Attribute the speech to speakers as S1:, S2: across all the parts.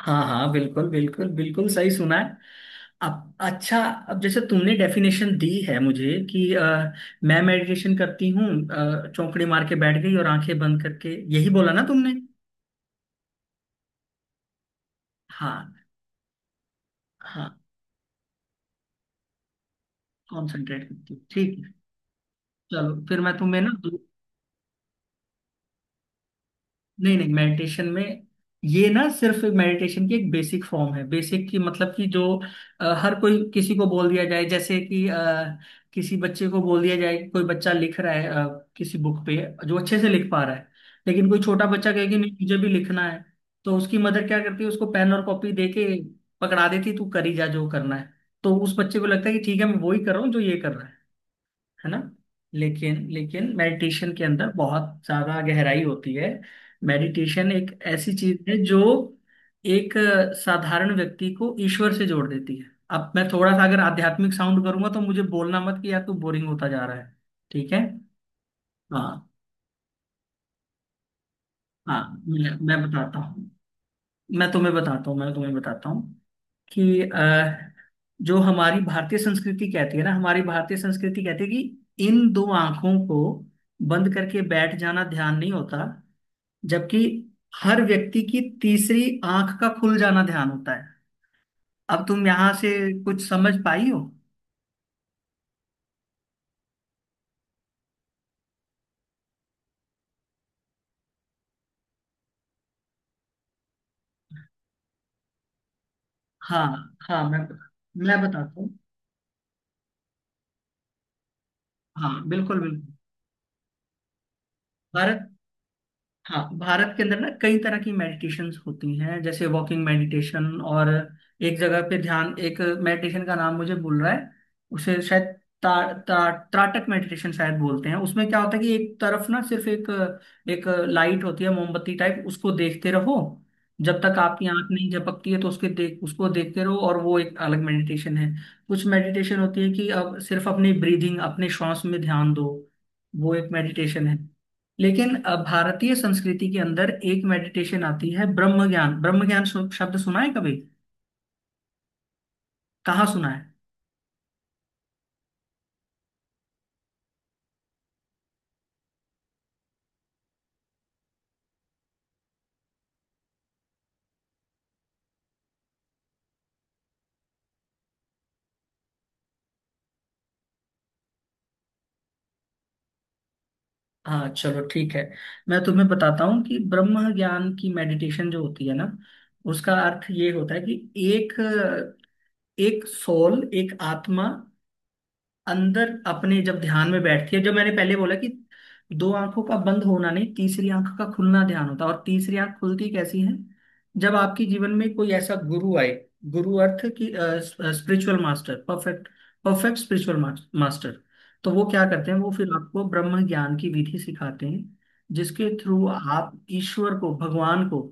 S1: हाँ हाँ, बिल्कुल बिल्कुल बिल्कुल सही सुना है। अब अच्छा, अब जैसे तुमने डेफिनेशन दी है मुझे कि मैं मेडिटेशन करती हूँ, चौकड़े मार के बैठ गई और आंखें बंद करके, यही बोला ना तुमने। हाँ हाँ, कॉन्सेंट्रेट करती हूँ, ठीक है। चलो फिर मैं तुम्हें ना, नहीं नहीं मेडिटेशन में ये ना सिर्फ मेडिटेशन की एक बेसिक फॉर्म है। बेसिक की मतलब कि जो हर कोई, किसी को बोल दिया जाए जैसे कि किसी बच्चे को बोल दिया जाए कि कोई बच्चा लिख रहा है किसी बुक पे, जो अच्छे से लिख पा रहा है। लेकिन कोई छोटा बच्चा कहे कि नहीं मुझे भी लिखना है, तो उसकी मदर क्या करती है, उसको पेन और कॉपी दे के पकड़ा देती, तू करी जा जो करना है। तो उस बच्चे को लगता है कि ठीक है मैं वही कर रहा हूँ जो ये कर रहा है ना। लेकिन लेकिन मेडिटेशन के अंदर बहुत ज्यादा गहराई होती है। मेडिटेशन एक ऐसी चीज है जो एक साधारण व्यक्ति को ईश्वर से जोड़ देती है। अब मैं थोड़ा सा अगर आध्यात्मिक साउंड करूंगा तो मुझे बोलना मत कि यार तू बोरिंग होता जा रहा है, ठीक है। हाँ हाँ, मैं बताता हूँ। मैं तुम्हें बताता हूँ कि अ, जो हमारी भारतीय संस्कृति कहती है ना, हमारी भारतीय संस्कृति कहती है कि इन दो आंखों को बंद करके बैठ जाना ध्यान नहीं होता, जबकि हर व्यक्ति की तीसरी आंख का खुल जाना ध्यान होता है। अब तुम यहाँ से कुछ समझ पाई हो। हाँ हाँ मैं बताता हूँ, हाँ बिल्कुल बिल्कुल। हाँ, भारत के अंदर ना कई तरह की मेडिटेशंस होती हैं, जैसे वॉकिंग मेडिटेशन और एक जगह पे ध्यान। एक मेडिटेशन का नाम मुझे भूल रहा है, उसे शायद ता, ता, त्राटक मेडिटेशन शायद बोलते हैं। उसमें क्या होता है कि एक तरफ ना सिर्फ एक एक लाइट होती है, मोमबत्ती टाइप, उसको देखते रहो जब तक आपकी आंख नहीं झपकती है। तो उसके देख उसको देखते रहो, और वो एक अलग मेडिटेशन है। कुछ मेडिटेशन होती है कि अब सिर्फ अपनी ब्रीदिंग, अपने श्वास में ध्यान दो, वो एक मेडिटेशन है। लेकिन भारतीय संस्कृति के अंदर एक मेडिटेशन आती है, ब्रह्म ज्ञान। ब्रह्म ज्ञान शब्द सुना है कभी, कहाँ सुना है। हाँ चलो ठीक है, मैं तुम्हें बताता हूँ कि ब्रह्म ज्ञान की मेडिटेशन जो होती है ना, उसका अर्थ ये होता है कि एक एक सोल, एक आत्मा अंदर अपने जब ध्यान में बैठती है। जब मैंने पहले बोला कि दो आंखों का बंद होना नहीं, तीसरी आंख का खुलना ध्यान होता है, और तीसरी आंख खुलती कैसी है, जब आपके जीवन में कोई ऐसा गुरु आए। गुरु अर्थ की, spiritual master, perfect, perfect spiritual master. तो वो क्या करते हैं, वो फिर आपको ब्रह्म ज्ञान की विधि सिखाते हैं, जिसके थ्रू आप ईश्वर को, भगवान को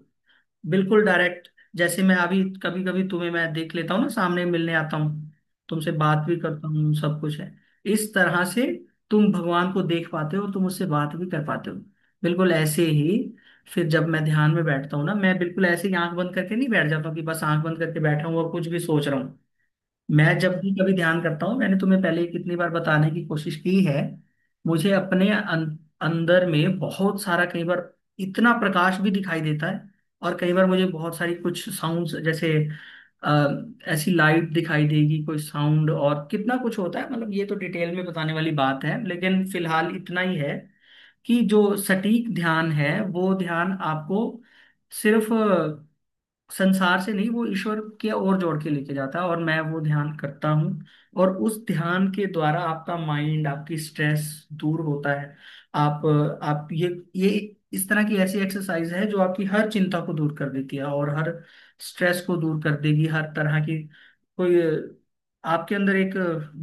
S1: बिल्कुल डायरेक्ट, जैसे मैं अभी कभी कभी तुम्हें मैं देख लेता हूँ ना, सामने मिलने आता हूँ, तुमसे बात भी करता हूँ, सब कुछ है, इस तरह से तुम भगवान को देख पाते हो, तुम उससे बात भी कर पाते हो, बिल्कुल ऐसे ही। फिर जब मैं ध्यान में बैठता हूँ ना, मैं बिल्कुल ऐसे ही आंख बंद करके नहीं बैठ जाता हूँ कि बस आंख बंद करके बैठा हूँ और कुछ भी सोच रहा हूँ। मैं जब भी कभी ध्यान करता हूँ, मैंने तुम्हें पहले कितनी बार बताने की कोशिश की है, मुझे अपने अंदर में बहुत सारा, कई बार इतना प्रकाश भी दिखाई देता है, और कई बार मुझे बहुत सारी कुछ साउंड्स जैसे अ, ऐसी लाइट दिखाई देगी, कोई साउंड, और कितना कुछ होता है। मतलब ये तो डिटेल में बताने वाली बात है, लेकिन फिलहाल इतना ही है कि जो सटीक ध्यान है वो ध्यान आपको सिर्फ संसार से नहीं, वो ईश्वर के और जोड़ के लेके जाता है, और मैं वो ध्यान करता हूँ। और उस ध्यान के द्वारा आपका माइंड, आपकी स्ट्रेस दूर होता है। आप आप ये इस तरह की ऐसी एक्सरसाइज है जो आपकी हर चिंता को दूर कर देती है, और हर स्ट्रेस को दूर कर देगी, हर तरह की कोई, आपके अंदर एक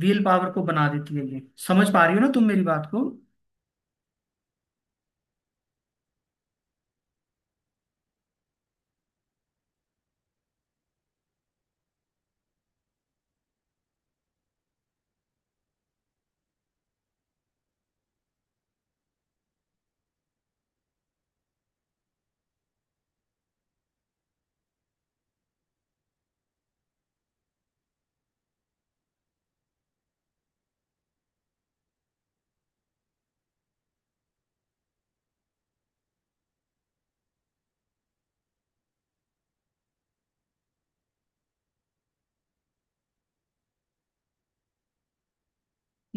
S1: विल पावर को बना देती है ये। समझ पा रही हो ना तुम मेरी बात को।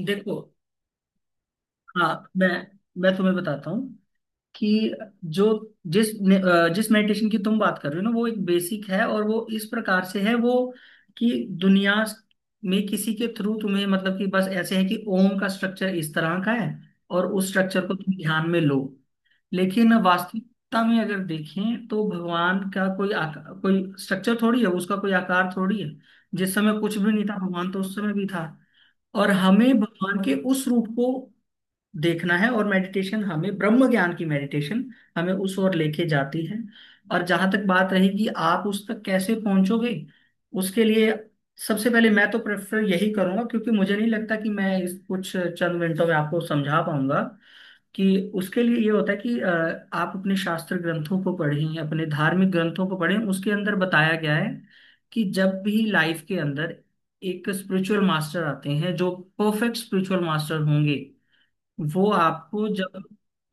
S1: देखो, हाँ मैं तुम्हें बताता हूँ कि जो जिस मेडिटेशन की तुम बात कर रहे हो ना, वो एक बेसिक है, और वो इस प्रकार से है वो कि दुनिया में किसी के थ्रू तुम्हें मतलब कि बस ऐसे है कि ओम का स्ट्रक्चर इस तरह का है, और उस स्ट्रक्चर को तुम ध्यान में लो। लेकिन वास्तविकता में अगर देखें तो भगवान का कोई आकार, कोई स्ट्रक्चर थोड़ी है, उसका कोई आकार थोड़ी है। जिस समय कुछ भी नहीं था, भगवान तो उस समय भी था। और हमें भगवान के उस रूप को देखना है, और मेडिटेशन हमें, ब्रह्म ज्ञान की मेडिटेशन हमें उस ओर लेके जाती है। और जहां तक बात रहेगी आप उस तक कैसे पहुंचोगे, उसके लिए सबसे पहले मैं तो प्रेफर यही करूंगा, क्योंकि मुझे नहीं लगता कि मैं इस कुछ चंद मिनटों में आपको समझा पाऊंगा कि, उसके लिए ये होता है कि आप अपने शास्त्र ग्रंथों को पढ़ें, अपने धार्मिक ग्रंथों को पढ़ें। उसके अंदर बताया गया है कि जब भी लाइफ के अंदर एक स्पिरिचुअल मास्टर आते हैं, जो परफेक्ट स्पिरिचुअल मास्टर होंगे, वो आपको जब,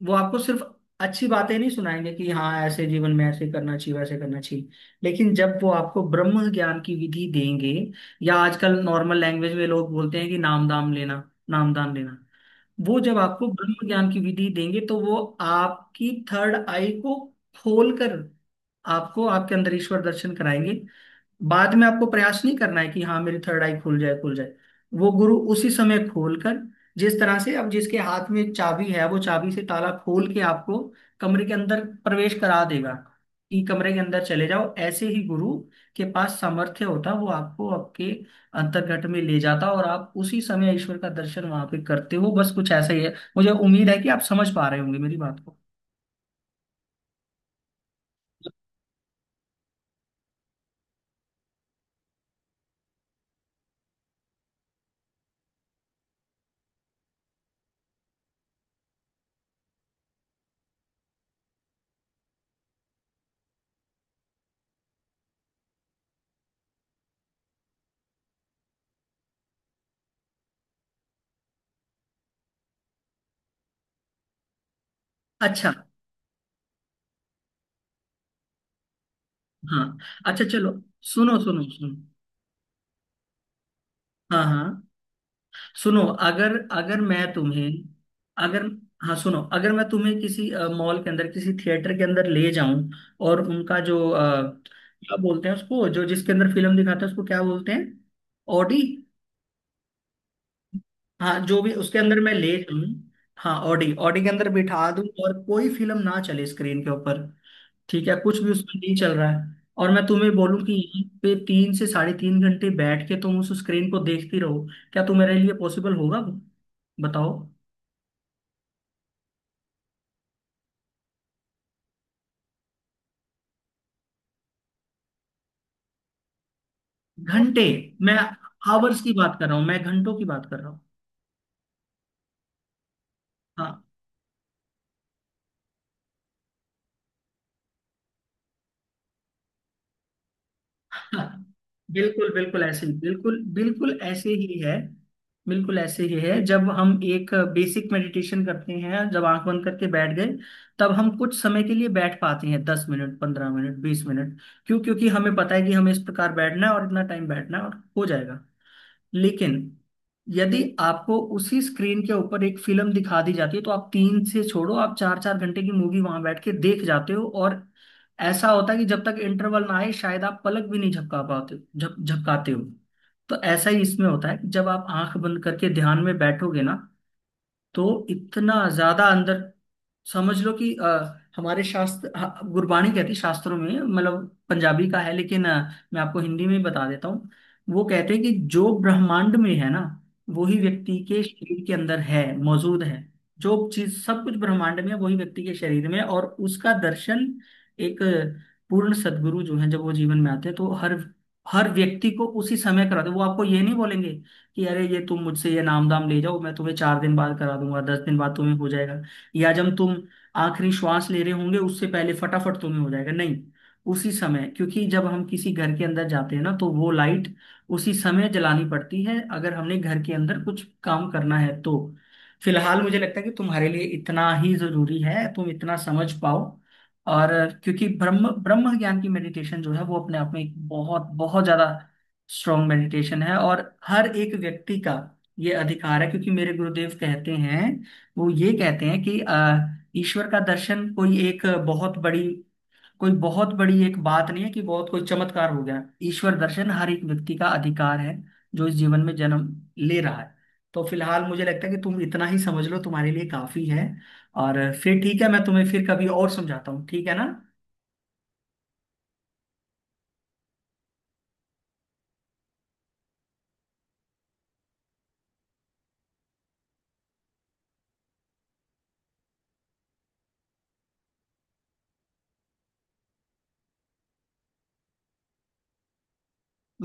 S1: वो आपको सिर्फ अच्छी बातें नहीं सुनाएंगे कि हाँ ऐसे जीवन में ऐसे करना चाहिए, वैसे करना चाहिए, लेकिन जब वो आपको ब्रह्म ज्ञान की विधि देंगे, या आजकल नॉर्मल लैंग्वेज में लोग बोलते हैं कि नाम दाम लेना, नाम दान लेना, वो जब आपको ब्रह्म ज्ञान की विधि देंगे तो वो आपकी थर्ड आई को खोलकर आपको आपके अंदर ईश्वर दर्शन कराएंगे। बाद में आपको प्रयास नहीं करना है कि हाँ मेरी थर्ड आई खुल जाए, खुल जाए। वो गुरु उसी समय खोलकर, जिस तरह से अब जिसके हाथ में चाबी है वो चाबी से ताला खोल के आपको कमरे के अंदर प्रवेश करा देगा कि कमरे के अंदर चले जाओ, ऐसे ही गुरु के पास सामर्थ्य होता, वो आपको आपके अंतर्घट में ले जाता, और आप उसी समय ईश्वर का दर्शन वहां पे करते हो। बस कुछ ऐसा ही है, मुझे उम्मीद है कि आप समझ पा रहे होंगे मेरी बात को। अच्छा हाँ, अच्छा चलो, सुनो सुनो सुनो, हाँ हाँ, सुनो, अगर अगर मैं तुम्हें, अगर, हाँ सुनो, अगर मैं तुम्हें किसी मॉल के अंदर, किसी थिएटर के अंदर ले जाऊं, और उनका जो क्या बोलते हैं उसको, जो जिसके अंदर फिल्म दिखाते हैं उसको क्या बोलते हैं, ऑडी, हाँ जो भी उसके अंदर मैं ले जाऊं, हाँ ऑडी, ऑडी के अंदर बिठा दूं, और कोई फिल्म ना चले स्क्रीन के ऊपर, ठीक है, कुछ भी उसमें नहीं चल रहा है, और मैं तुम्हें बोलूं कि यहीं पे तीन से साढ़े तीन घंटे बैठ के तुम उस स्क्रीन को देखती रहो, क्या तुम्हारे लिए पॉसिबल होगा वो, बताओ। घंटे, मैं आवर्स की बात कर रहा हूँ, मैं घंटों की बात कर रहा हूँ। हाँ हाँ, बिल्कुल बिल्कुल ऐसे ही, बिल्कुल बिल्कुल ऐसे ही है, बिल्कुल ऐसे ही है। जब हम एक बेसिक मेडिटेशन करते हैं, जब आंख बंद करके बैठ गए, तब हम कुछ समय के लिए बैठ पाते हैं, 10 मिनट, 15 मिनट, 20 मिनट। क्यों, क्योंकि हमें पता है कि हमें इस प्रकार बैठना है और इतना टाइम बैठना है और हो जाएगा। लेकिन यदि आपको उसी स्क्रीन के ऊपर एक फिल्म दिखा दी जाती है, तो आप तीन से छोड़ो, आप चार चार घंटे की मूवी वहां बैठ के देख जाते हो, और ऐसा होता है कि जब तक इंटरवल ना आए शायद आप पलक भी नहीं झपका पाते झप झपकाते हो। तो ऐसा ही इसमें होता है कि जब आप आंख बंद करके ध्यान में बैठोगे ना, तो इतना ज्यादा अंदर, समझ लो कि हमारे शास्त्र, गुरबाणी कहती है, शास्त्रों में, मतलब पंजाबी का है, लेकिन मैं आपको हिंदी में बता देता हूँ, वो कहते हैं कि जो ब्रह्मांड में है ना, वही व्यक्ति के शरीर के अंदर है, मौजूद है। जो चीज, सब कुछ ब्रह्मांड में है वही व्यक्ति के शरीर में है, और उसका दर्शन एक पूर्ण सदगुरु जो है, जब वो जीवन में आते हैं तो हर हर व्यक्ति को उसी समय कराते हैं। वो आपको ये नहीं बोलेंगे कि अरे ये तुम मुझसे ये नाम दाम ले जाओ, मैं तुम्हें 4 दिन बाद करा दूंगा, 10 दिन बाद तुम्हें हो जाएगा, या जब तुम आखिरी श्वास ले रहे होंगे उससे पहले फटाफट तुम्हें हो जाएगा, नहीं, उसी समय। क्योंकि जब हम किसी घर के अंदर जाते हैं ना तो वो लाइट उसी समय जलानी पड़ती है, अगर हमने घर के अंदर कुछ काम करना है तो। फिलहाल मुझे लगता है कि तुम्हारे लिए इतना ही जरूरी है, तुम इतना समझ पाओ। और क्योंकि ब्रह्म ब्रह्म ज्ञान की मेडिटेशन जो है, वो अपने आप में एक बहुत बहुत ज्यादा स्ट्रॉन्ग मेडिटेशन है, और हर एक व्यक्ति का ये अधिकार है, क्योंकि मेरे गुरुदेव कहते हैं, वो ये कहते हैं कि ईश्वर का दर्शन कोई एक बहुत बड़ी, कोई बहुत बड़ी एक बात नहीं है कि बहुत कोई चमत्कार हो गया। ईश्वर दर्शन हर एक व्यक्ति का अधिकार है, जो इस जीवन में जन्म ले रहा है। तो फिलहाल मुझे लगता है कि तुम इतना ही समझ लो, तुम्हारे लिए काफी है। और फिर ठीक है, मैं तुम्हें फिर कभी और समझाता हूँ, ठीक है ना।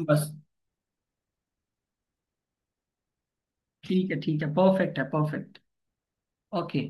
S1: बस ठीक है ठीक है, परफेक्ट है, परफेक्ट। ओके।